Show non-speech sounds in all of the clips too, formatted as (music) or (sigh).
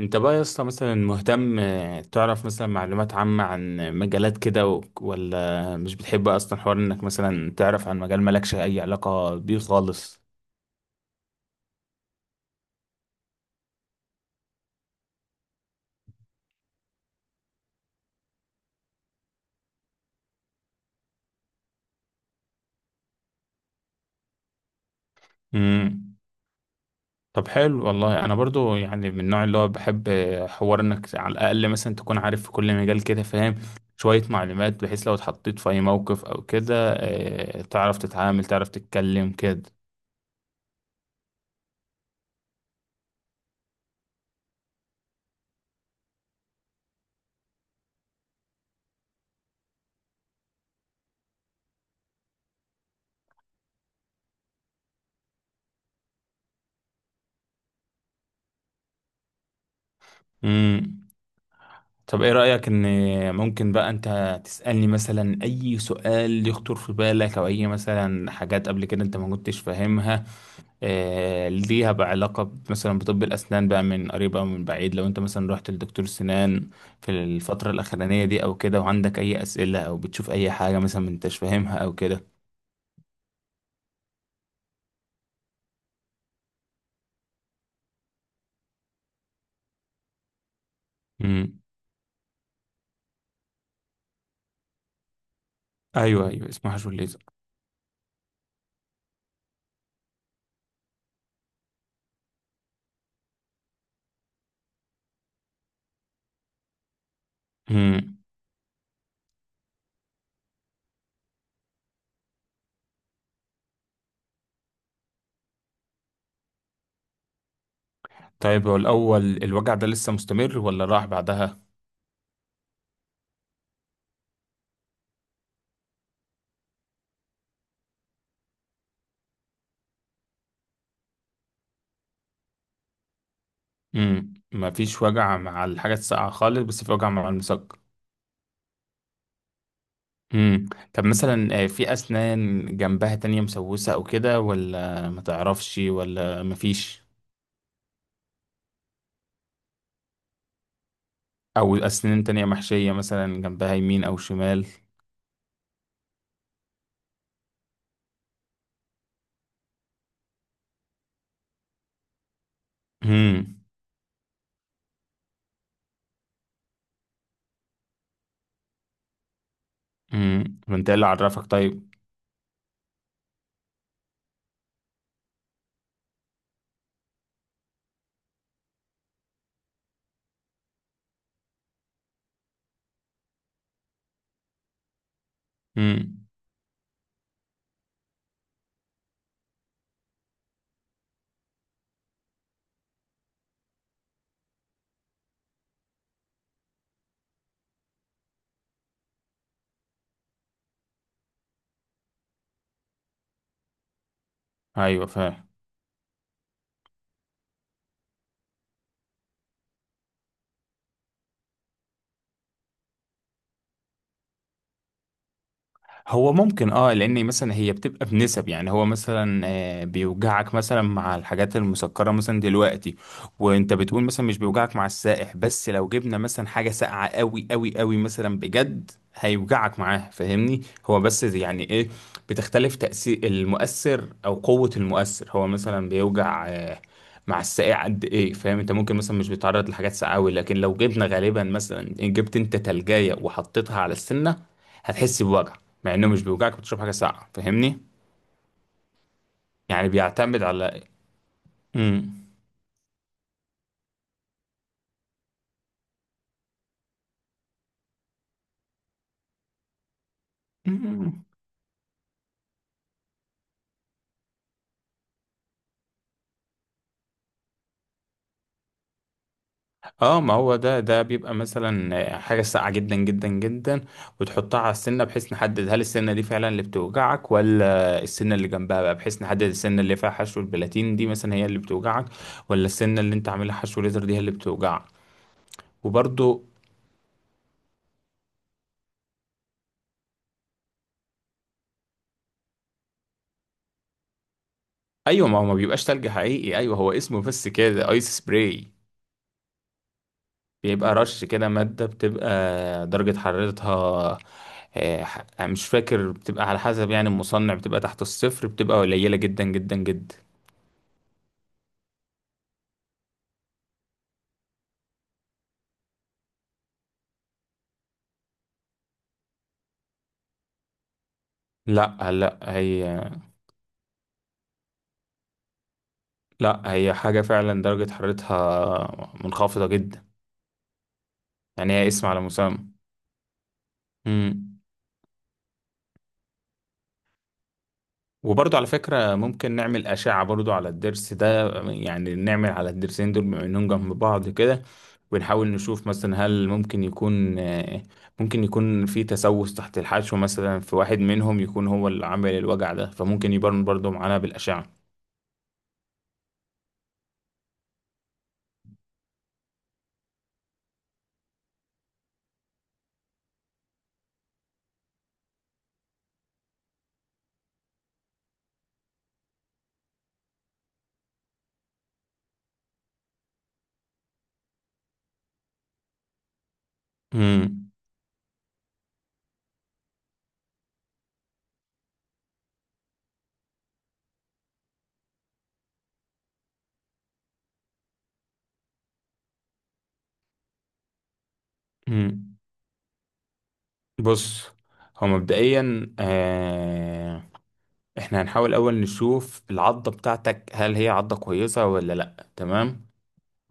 انت بقى يا اسطى مثلا مهتم، تعرف مثلا معلومات عامة عن مجالات كده، ولا مش بتحب اصلا حوار انك مثلا تعرف عن مجال مالكش اي علاقة بيه خالص؟ امم. طب حلو، والله انا برضو يعني من النوع اللي هو بحب، حوار انك على الاقل مثلا تكون عارف في كل مجال كده، فاهم شوية معلومات بحيث لو اتحطيت في اي موقف او كده، تعرف تتعامل، تعرف تتكلم كده. امم. طب ايه رأيك ان ممكن بقى انت تسألني مثلا اي سؤال يخطر في بالك، او اي مثلا حاجات قبل كده انت ما كنتش فاهمها؟ ليها بقى علاقة مثلا بطب الاسنان بقى، من قريب او من بعيد؟ لو انت مثلا رحت لدكتور سنان في الفترة الاخرانية دي او كده، وعندك اي اسئلة او بتشوف اي حاجة مثلا ما انتش فاهمها او كده؟ امم. ايوه، ايوه، اسمها شو الليزر. امم. طيب، هو الاول، الوجع ده لسه مستمر ولا راح بعدها؟ امم. مفيش وجع مع الحاجة الساقعة خالص، بس في وجع مع المسكر. امم. طب مثلا، في أسنان جنبها تانية مسوسة أو كده، ولا ما تعرفش، ولا مفيش؟ أو أسنان تانية محشية مثلا جنبها يمين أو شمال؟ امم. امم. انت إيه اللي عرفك؟ طيب. امم. أيوة، فاهم. هو ممكن، اه، لان مثلا هي بتبقى بنسب، يعني هو مثلا، بيوجعك مثلا مع الحاجات المسكره مثلا دلوقتي، وانت بتقول مثلا مش بيوجعك مع السائح، بس لو جبنا مثلا حاجه ساقعه قوي قوي قوي، مثلا بجد هيوجعك معاه، فاهمني؟ هو بس يعني ايه، بتختلف تاثير المؤثر او قوه المؤثر. هو مثلا بيوجع مع الساقع قد ايه، فاهم؟ انت ممكن مثلا مش بيتعرض لحاجات ساقعه أوي، لكن لو جبنا غالبا مثلا جبت انت تلجايه وحطيتها على السنه، هتحس بوجع، مع انه مش بيوجعك بتشرب حاجه ساقعه، فاهمني؟ يعني بيعتمد على... امم. أمم. (laughs) اه، ما هو ده بيبقى مثلا حاجه ساقعه جدا جدا جدا، وتحطها على السنه، بحيث نحدد هل السنه دي فعلا اللي بتوجعك، ولا السنه اللي جنبها بقى، بحيث نحدد السنه اللي فيها حشو البلاتين دي مثلا هي اللي بتوجعك، ولا السنه اللي انت عاملها حشو ليزر دي هي اللي بتوجعك. وبرضو، ايوه، ما هو ما بيبقاش تلج حقيقي، ايوه، هو اسمه بس كده ايس سبراي. بيبقى رش كده، مادة بتبقى درجة حرارتها، مش فاكر، بتبقى على حسب يعني المصنع، بتبقى تحت الصفر، بتبقى قليلة جدا جدا جدا. لا، لا، هي، لا، هي حاجة فعلا درجة حرارتها منخفضة جدا. يعني هي اسم على مسمى. مم. وبرضو على فكرة، ممكن نعمل أشعة برضو على الضرس ده، يعني نعمل على الضرسين دول بما إنهم جنب بعض كده، ونحاول نشوف مثلا هل ممكن يكون، ممكن يكون في تسوس تحت الحشو، مثلا في واحد منهم يكون هو اللي عامل الوجع ده، فممكن يبان برضو معانا بالأشعة. مم. مم. بص، هو مبدئيا، احنا هنحاول أول نشوف العضة بتاعتك، هل هي عضة كويسة ولا لأ؟ تمام.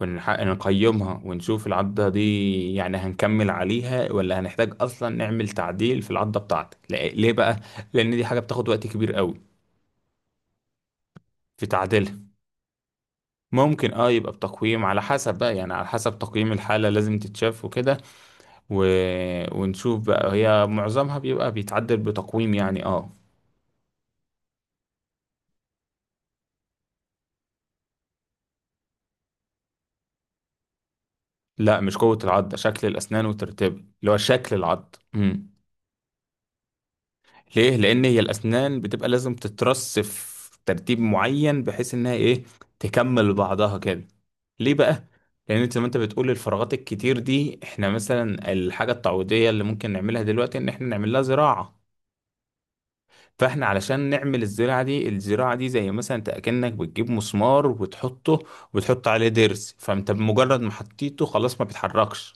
نقيمها ونشوف العضة دي، يعني هنكمل عليها ولا هنحتاج أصلا نعمل تعديل في العضة بتاعتك؟ ليه بقى؟ لأن دي حاجة بتاخد وقت كبير قوي في تعديلها. ممكن، اه، يبقى بتقييم، على حسب بقى يعني، على حسب تقييم الحالة لازم تتشاف وكده، و... ونشوف بقى هي معظمها بيبقى بيتعدل بتقويم، يعني اه. لا، مش قوة العضة، شكل الأسنان وترتيبها، اللي هو شكل العضة. مم. ليه؟ لأن هي الأسنان بتبقى لازم تترص في ترتيب معين، بحيث إنها إيه، تكمل بعضها كده. ليه بقى؟ لأن أنت زي ما أنت بتقول الفراغات الكتير دي، إحنا مثلا الحاجة التعويضية اللي ممكن نعملها دلوقتي إن إحنا نعمل لها زراعة. فإحنا علشان نعمل الزراعة دي، الزراعة دي زي مثلا أنت أكنك بتجيب مسمار وتحطه، وتحط عليه ضرس، فأنت بمجرد ما حطيته خلاص ما بيتحركش.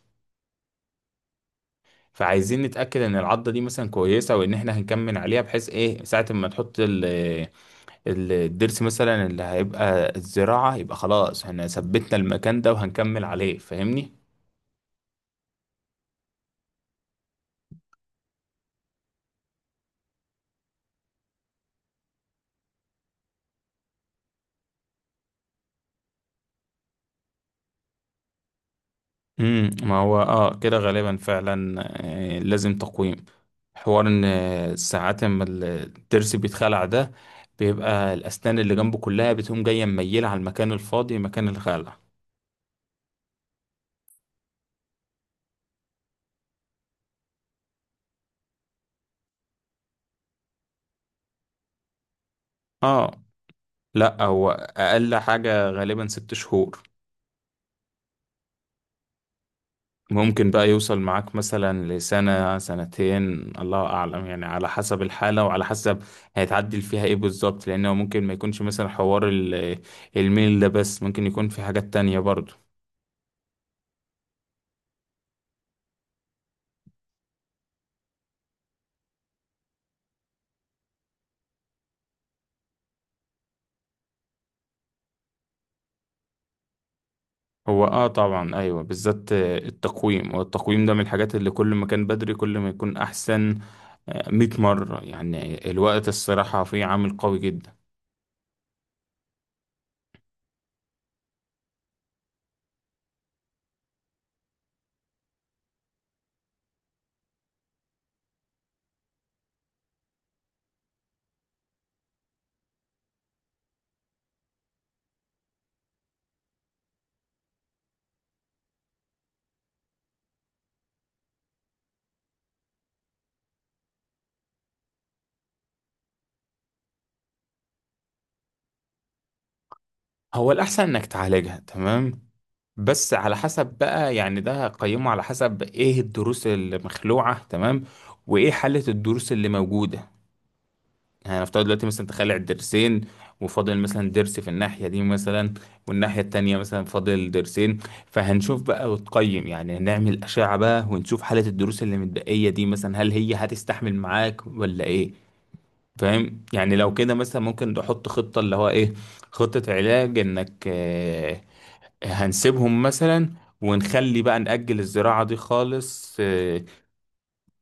فعايزين نتأكد إن العضة دي مثلا كويسة، وإن إحنا هنكمل عليها، بحيث إيه ساعة ما تحط ال ال الضرس مثلا اللي هيبقى الزراعة، يبقى خلاص احنا ثبتنا المكان ده وهنكمل عليه، فاهمني. امم. ما هو اه كده غالبا فعلا، لازم تقويم. حوار ان، ساعات اما الضرس بيتخلع ده، بيبقى الاسنان اللي جنبه كلها بتقوم جايه مميله على المكان الفاضي، مكان الخلع. اه، لا، هو اقل حاجه غالبا 6 شهور. ممكن بقى يوصل معاك مثلا لسنة سنتين. الله أعلم، يعني على حسب الحالة وعلى حسب هيتعدل فيها إيه بالظبط، لأنه ممكن ما يكونش مثلا حوار الميل ده بس، ممكن يكون في حاجات تانية برضه. هو طبعا، أيوة، بالذات، التقويم. والتقويم ده من الحاجات اللي كل ما كان بدري كل ما يكون أحسن، 100 مرة. يعني الوقت الصراحة فيه عامل قوي جدا. هو الأحسن إنك تعالجها. تمام. بس على حسب بقى يعني، ده هقيمه على حسب ايه الدروس المخلوعة، تمام، وايه حالة الدروس اللي موجودة. يعني نفترض دلوقتي مثلا تخلع الدرسين، وفاضل مثلا درس في الناحية دي مثلا، والناحية التانية مثلا فاضل درسين. فهنشوف بقى وتقيم، يعني هنعمل أشعة بقى ونشوف حالة الدروس اللي متبقية دي مثلا، هل هي هتستحمل معاك ولا ايه؟ فاهم؟ يعني لو كده مثلا ممكن نحط خطة اللي هو ايه، خطة علاج انك، هنسيبهم مثلا، ونخلي بقى نأجل الزراعة دي خالص،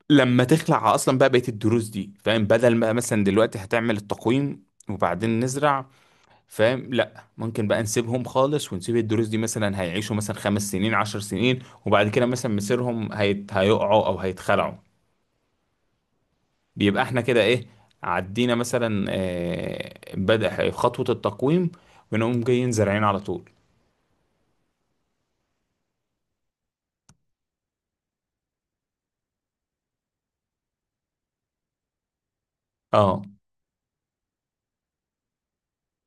لما تخلع أصلا بقى بقية الدروس دي، فاهم؟ بدل ما مثلا دلوقتي هتعمل التقويم وبعدين نزرع، فاهم؟ لا، ممكن بقى نسيبهم خالص، ونسيب الدروس دي مثلا هيعيشوا مثلا 5 سنين 10 سنين، وبعد كده مثلا مصيرهم هيقعوا أو هيتخلعوا. بيبقى احنا كده ايه، عدينا مثلا، بدأ خطوة التقويم، ونقوم جايين زارعين على طول. اه.